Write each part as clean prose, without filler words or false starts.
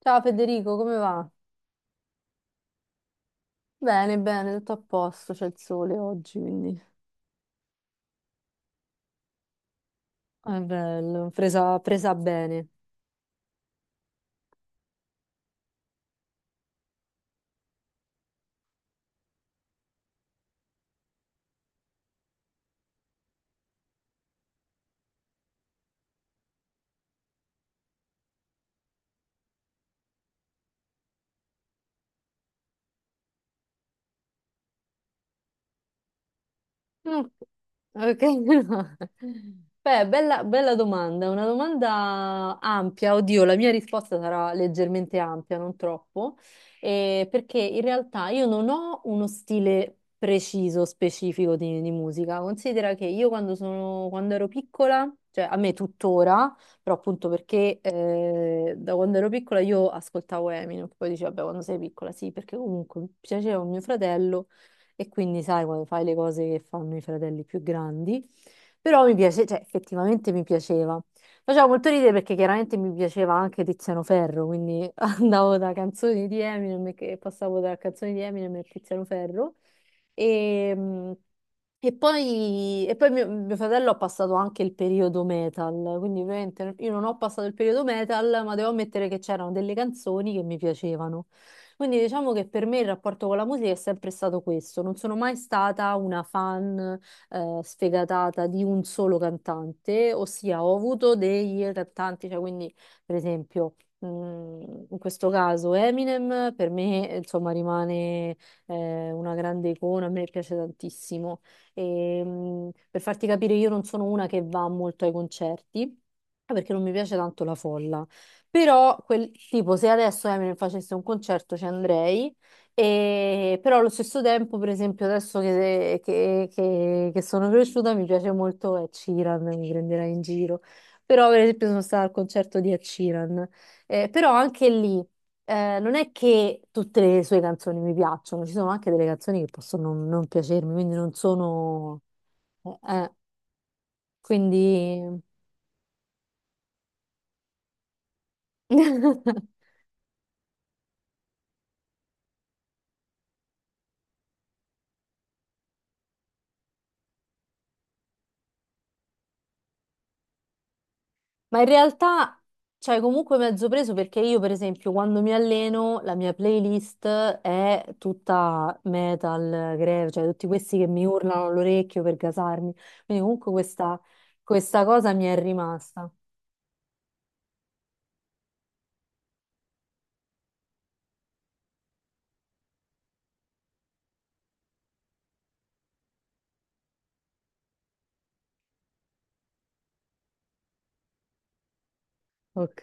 Ciao Federico, come va? Bene, bene, tutto a posto, c'è il sole oggi, quindi è bello, presa bene. Ok, ok, no. Beh, bella domanda, una domanda ampia. Oddio, la mia risposta sarà leggermente ampia, non troppo, perché in realtà io non ho uno stile preciso, specifico di musica. Considera che io quando sono, quando ero piccola, cioè a me tuttora, però appunto perché da quando ero piccola io ascoltavo Eminem, poi dicevo, vabbè, quando sei piccola, sì, perché comunque mi piaceva mio fratello e quindi sai quando fai le cose che fanno i fratelli più grandi, però mi piace, cioè effettivamente mi piaceva. Faceva molto ridere perché chiaramente mi piaceva anche Tiziano Ferro, quindi andavo da canzoni di Eminem che passavo da canzoni di Eminem a Tiziano Ferro. E, mh, e poi mio fratello ha passato anche il periodo metal, quindi ovviamente io non ho passato il periodo metal, ma devo ammettere che c'erano delle canzoni che mi piacevano. Quindi diciamo che per me il rapporto con la musica è sempre stato questo. Non sono mai stata una fan sfegatata di un solo cantante, ossia ho avuto dei cantanti, cioè quindi per esempio mh, in questo caso Eminem per me insomma rimane una grande icona, a me piace tantissimo. Per farti capire io non sono una che va molto ai concerti perché non mi piace tanto la folla. Però, quel, tipo, se adesso Eminem facesse un concerto ci andrei, e, però allo stesso tempo, per esempio, adesso che sono cresciuta mi piace molto Ed Sheeran, mi prenderà in giro. Però, per esempio, sono stata al concerto di Ed Sheeran. Però anche lì, non è che tutte le sue canzoni mi piacciono, ci sono anche delle canzoni che possono non piacermi, quindi non sono... eh, eh, quindi... Ma in realtà, cioè, comunque mezzo preso perché io, per esempio, quando mi alleno, la mia playlist è tutta metal, grave, cioè tutti questi che mi urlano all'orecchio per gasarmi. Quindi comunque questa cosa mi è rimasta. Ok.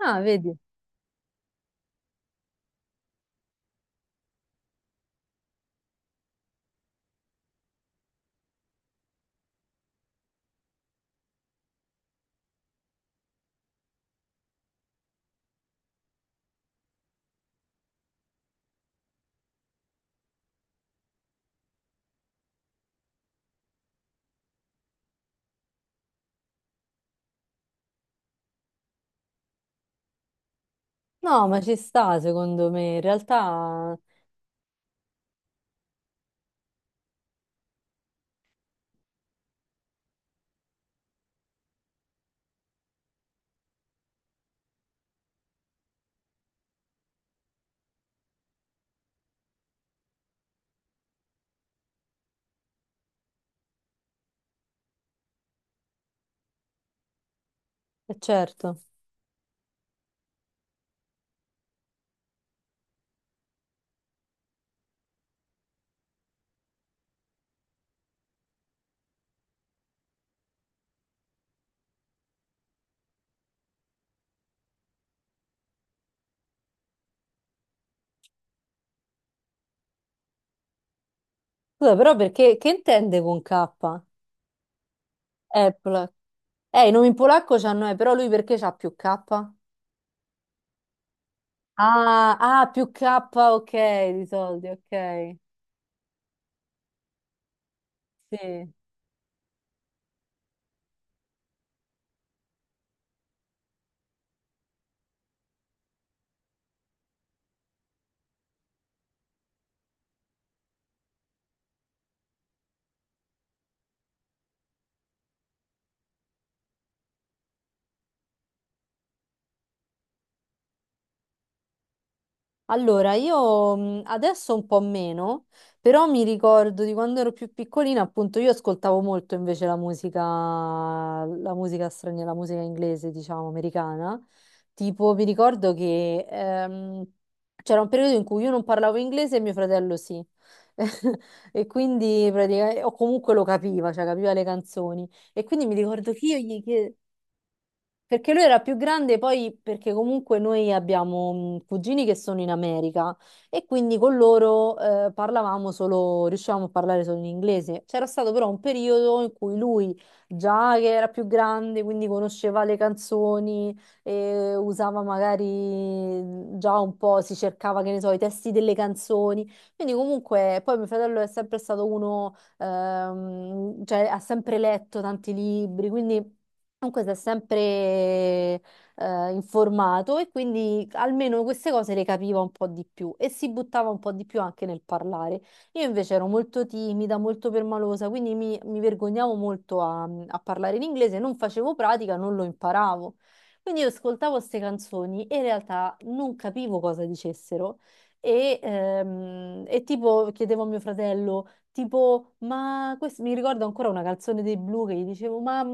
Ah, vedi? No, ma ci sta, secondo me. In realtà, è certo. Scusa, però perché, che intende con K? Apple. In nome in polacco c'hanno E, però lui perché c'ha più K? Ah, ah, più K, ok, di soldi, ok. Sì. Allora, io adesso un po' meno, però mi ricordo di quando ero più piccolina, appunto, io ascoltavo molto invece la musica straniera, la musica inglese, diciamo, americana. Tipo, mi ricordo che c'era un periodo in cui io non parlavo inglese e mio fratello sì. E quindi praticamente, o comunque lo capiva, cioè capiva le canzoni. E quindi mi ricordo che io gli chiedevo. Perché lui era più grande, poi perché comunque noi abbiamo cugini che sono in America e quindi con loro parlavamo solo, riuscivamo a parlare solo in inglese. C'era stato però un periodo in cui lui, già che era più grande, quindi conosceva le canzoni, e usava magari già un po', si cercava, che ne so, i testi delle canzoni. Quindi comunque, poi mio fratello è sempre stato uno, cioè ha sempre letto tanti libri, quindi... Comunque si è sempre informato e quindi almeno queste cose le capiva un po' di più e si buttava un po' di più anche nel parlare. Io invece ero molto timida, molto permalosa, quindi mi vergognavo molto a parlare in inglese, non facevo pratica, non lo imparavo. Quindi io ascoltavo queste canzoni e in realtà non capivo cosa dicessero e tipo chiedevo a mio fratello, tipo, ma questo mi ricordo ancora una canzone dei Blu che gli dicevo, ma...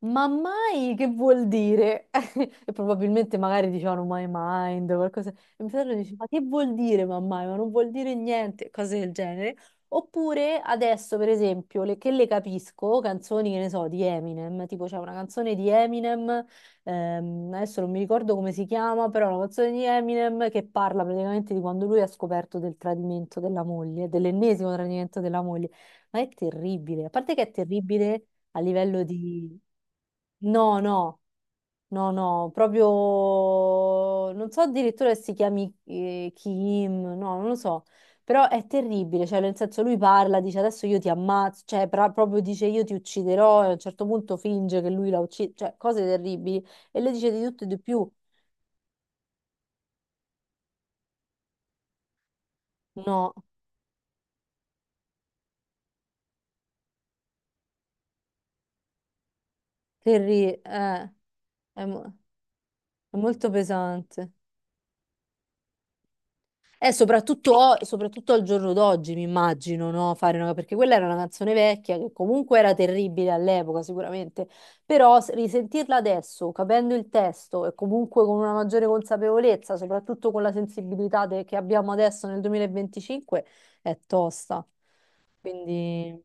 Ma mai che vuol dire? E probabilmente magari dicevano my mind, qualcosa. E mio fratello dice, ma che vuol dire ma mai? Ma non vuol dire niente, cose del genere. Oppure adesso, per esempio, le- che le capisco, canzoni, che ne so, di Eminem, tipo c'è una canzone di Eminem, adesso non mi ricordo come si chiama, però è una canzone di Eminem che parla praticamente di quando lui ha scoperto del tradimento della moglie, dell'ennesimo tradimento della moglie. Ma è terribile, a parte che è terribile a livello di... No, no, no, no, proprio non so addirittura se si chiami Kim, no, non lo so, però è terribile, cioè nel senso lui parla, dice adesso io ti ammazzo, cioè pra- proprio dice io ti ucciderò e a un certo punto finge che lui la uccide, cioè cose terribili e lei dice di tutto e di più, no, terri- eh, è, mo- è molto pesante. Soprattutto soprattutto al giorno d'oggi, mi immagino, no? Fare una- perché quella era una canzone vecchia che comunque era terribile all'epoca, sicuramente, però s- risentirla adesso, capendo il testo e comunque con una maggiore consapevolezza, soprattutto con la sensibilità de- che abbiamo adesso nel 2025, è tosta. Quindi...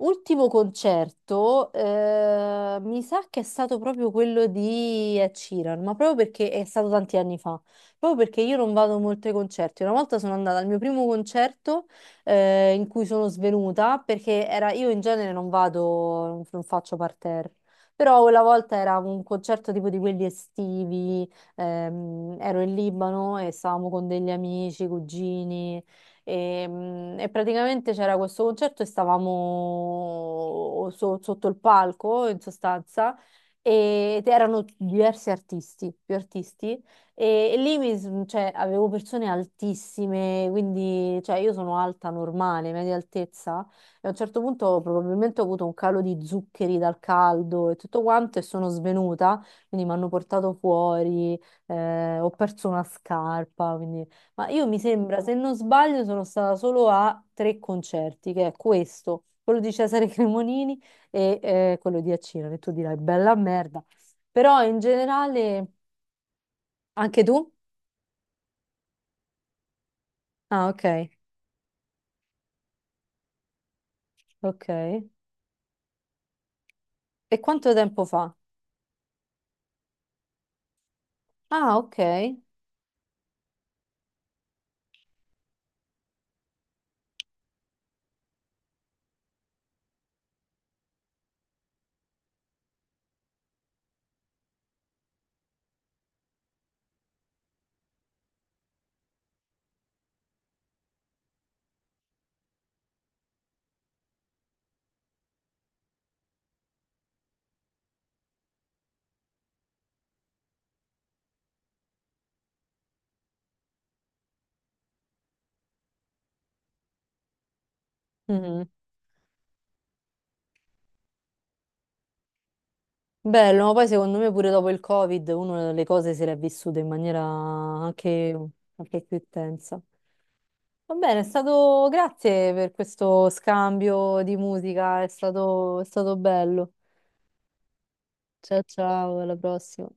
Ultimo concerto, mi sa che è stato proprio quello di Ed Sheeran, ma proprio perché è stato tanti anni fa, proprio perché io non vado molto ai concerti. Una volta sono andata al mio primo concerto, in cui sono svenuta, perché era, io in genere non vado, non faccio parterre, però quella volta era un concerto tipo di quelli estivi, ero in Libano e stavamo con degli amici, cugini. E praticamente c'era questo concerto e stavamo so- sotto il palco, in sostanza, e- ed erano diversi artisti, più artisti, e lì mi s- cioè, avevo persone altissime, quindi cioè, io sono alta normale, media altezza, e a un certo punto probabilmente ho avuto un calo di zuccheri dal caldo e tutto quanto e sono svenuta, quindi mi hanno portato fuori, ho perso una scarpa, ma io mi sembra, se non sbaglio, sono stata solo a tre concerti, che è questo, quello di Cesare Cremonini e quello di Accino, che tu dirai bella merda. Però in generale, anche tu? Ah, ok, ok. E quanto tempo fa? Ah, ok. Mhm. Bello, ma poi secondo me pure dopo il Covid, uno le cose se le ha vissute in maniera anche, anche più intensa. Va bene, è stato... Grazie per questo scambio di musica, è stato bello. Ciao ciao, alla prossima.